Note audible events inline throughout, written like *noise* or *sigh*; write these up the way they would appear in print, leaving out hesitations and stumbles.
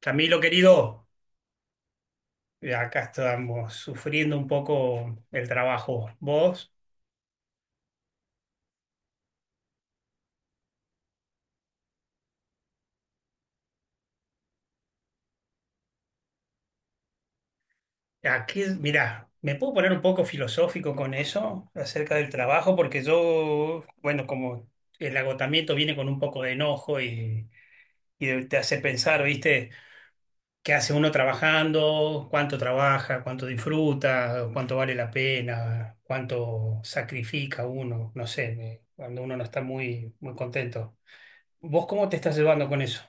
Camilo, querido, acá estamos sufriendo un poco el trabajo. Vos, aquí, mirá, me puedo poner un poco filosófico con eso acerca del trabajo, porque yo, bueno, como el agotamiento viene con un poco de enojo y te hace pensar, ¿viste? ¿Qué hace uno trabajando? ¿Cuánto trabaja? ¿Cuánto disfruta? ¿Cuánto vale la pena? ¿Cuánto sacrifica uno? No sé, cuando uno no está muy contento. ¿Vos cómo te estás llevando con eso?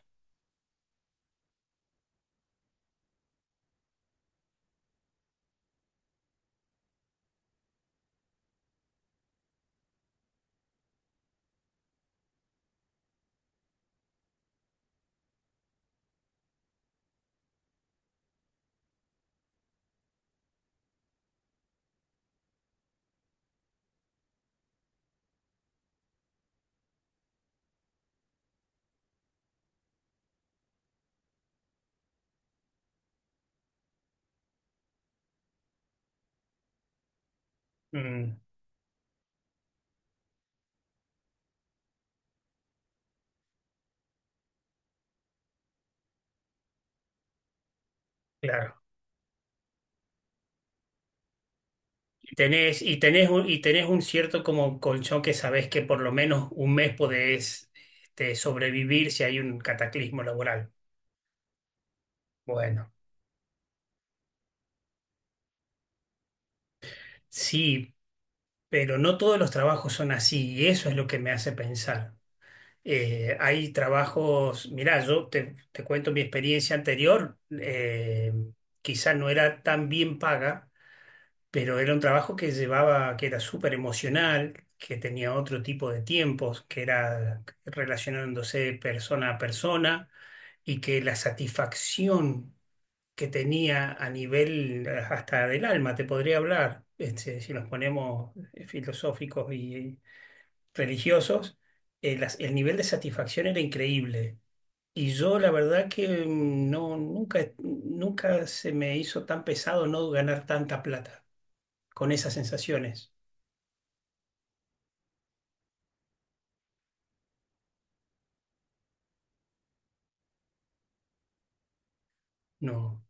Mm. Claro. Y tenés un cierto como colchón que sabés que por lo menos un mes podés sobrevivir si hay un cataclismo laboral. Bueno, sí, pero no todos los trabajos son así y eso es lo que me hace pensar. Hay trabajos, mirá, te cuento mi experiencia anterior, quizá no era tan bien paga, pero era un trabajo que llevaba, que era súper emocional, que tenía otro tipo de tiempos, que era relacionándose persona a persona y que la satisfacción que tenía a nivel hasta del alma, te podría hablar, este, si nos ponemos filosóficos y religiosos, el nivel de satisfacción era increíble. Y yo la verdad que nunca, nunca se me hizo tan pesado no ganar tanta plata con esas sensaciones. No,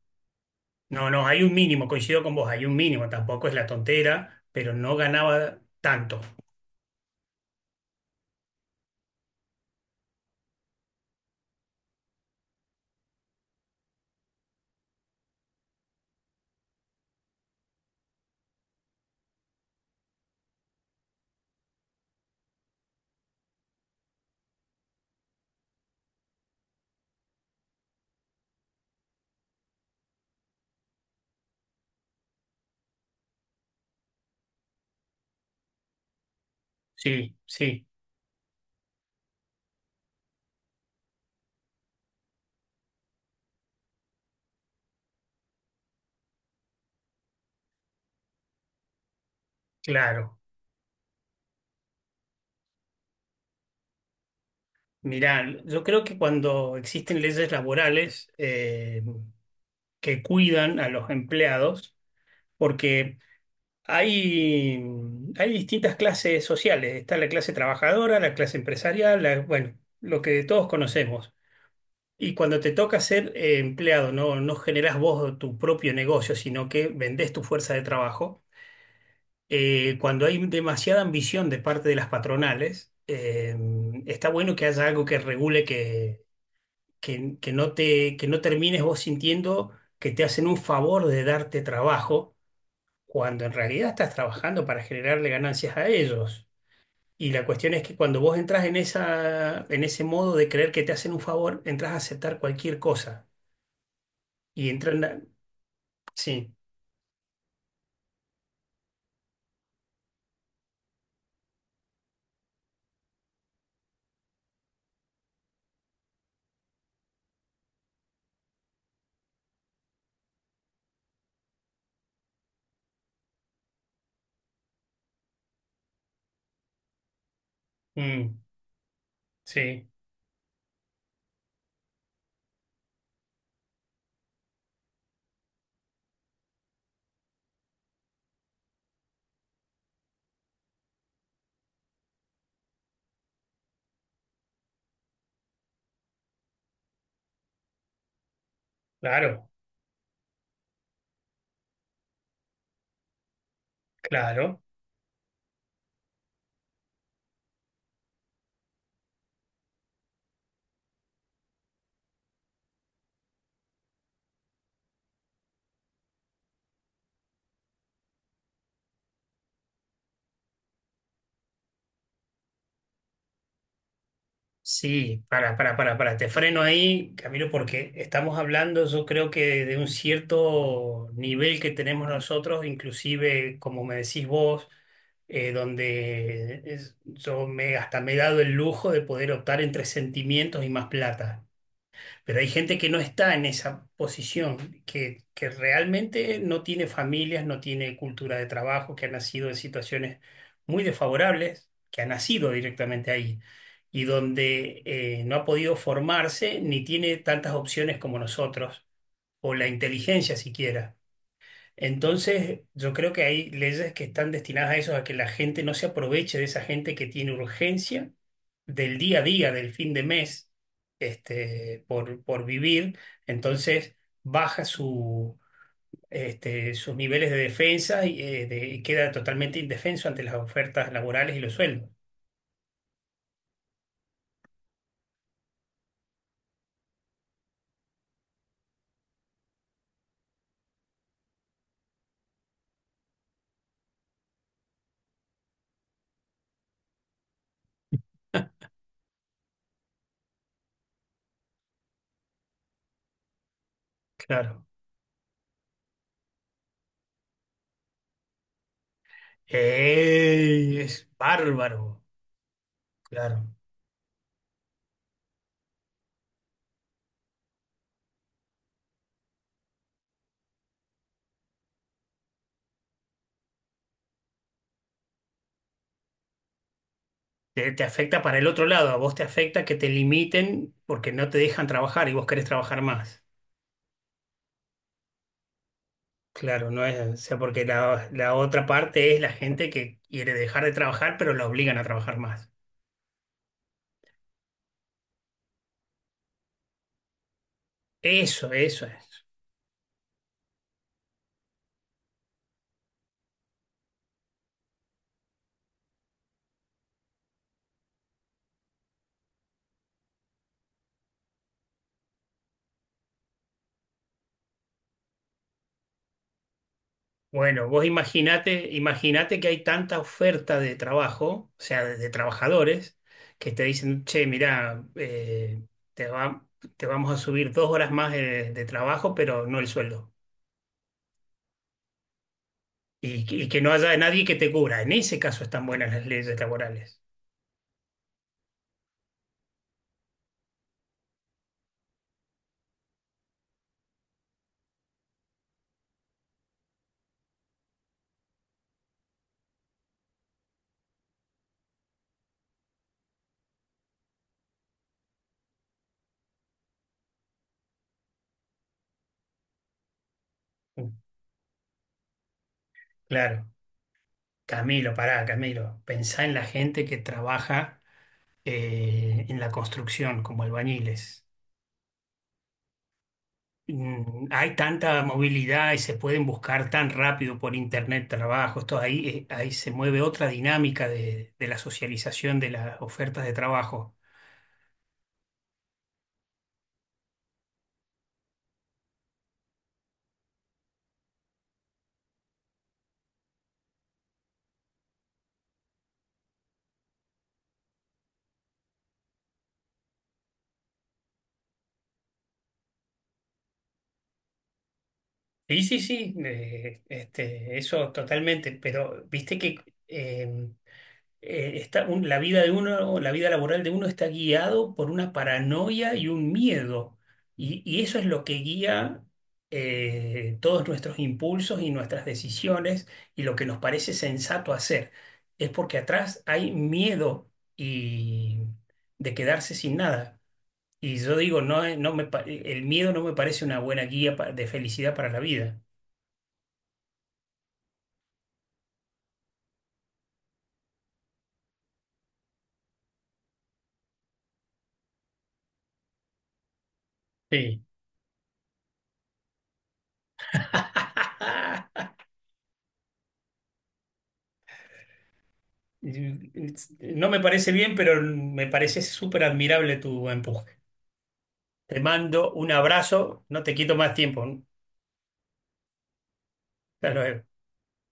no, no, hay un mínimo, coincido con vos, hay un mínimo, tampoco es la tontera, pero no ganaba tanto. Sí, sí, claro. Mirá, yo creo que cuando existen leyes laborales que cuidan a los empleados, porque hay, hay distintas clases sociales, está la clase trabajadora, la clase empresarial, bueno, lo que todos conocemos. Y cuando te toca ser empleado, no, no generás vos tu propio negocio, sino que vendés tu fuerza de trabajo. Cuando hay demasiada ambición de parte de las patronales, está bueno que haya algo que regule que no te, que no termines vos sintiendo que te hacen un favor de darte trabajo, cuando en realidad estás trabajando para generarle ganancias a ellos. Y la cuestión es que cuando vos entras en esa, en ese modo de creer que te hacen un favor, entras a aceptar cualquier cosa y entran, sí, mm, sí, claro, claro. Sí, para, te freno ahí, Camilo, porque estamos hablando, yo creo que de un cierto nivel que tenemos nosotros, inclusive, como me decís vos, donde yo me, hasta me he dado el lujo de poder optar entre sentimientos y más plata. Pero hay gente que no está en esa posición, que realmente no tiene familias, no tiene cultura de trabajo, que ha nacido en situaciones muy desfavorables, que ha nacido directamente ahí y donde no ha podido formarse ni tiene tantas opciones como nosotros, o la inteligencia siquiera. Entonces, yo creo que hay leyes que están destinadas a eso, a que la gente no se aproveche de esa gente que tiene urgencia del día a día, del fin de mes, por vivir. Entonces, baja su, sus niveles de defensa y queda totalmente indefenso ante las ofertas laborales y los sueldos. *laughs* Claro. ¡Ey! Es bárbaro. Claro. Te afecta para el otro lado, a vos te afecta que te limiten porque no te dejan trabajar y vos querés trabajar más. Claro, no es, o sea, porque la otra parte es la gente que quiere dejar de trabajar, pero la obligan a trabajar más. Eso es. Bueno, vos imaginate, imaginate que hay tanta oferta de trabajo, o sea, de trabajadores, que te dicen, che, mirá, te va- te vamos a subir dos horas más de trabajo, pero no el sueldo. Y que no haya nadie que te cubra. En ese caso están buenas las leyes laborales. Mm. Claro. Camilo, pará, Camilo. Pensá en la gente que trabaja en la construcción como albañiles. Mm. Hay tanta movilidad y se pueden buscar tan rápido por internet trabajos. Todo ahí, ahí se mueve otra dinámica de la socialización de las ofertas de trabajo. Sí, sí, sí, eso totalmente, pero viste que eh, la vida de uno, la vida laboral de uno está guiado por una paranoia y un miedo. Y eso es lo que guía todos nuestros impulsos y nuestras decisiones y lo que nos parece sensato hacer. Es porque atrás hay miedo y de quedarse sin nada. Y yo digo, no, el miedo no me parece una buena guía de felicidad para la vida. Sí. *laughs* No me parece bien, pero me parece súper admirable tu empuje. Te mando un abrazo, no te quito más tiempo. Hasta luego.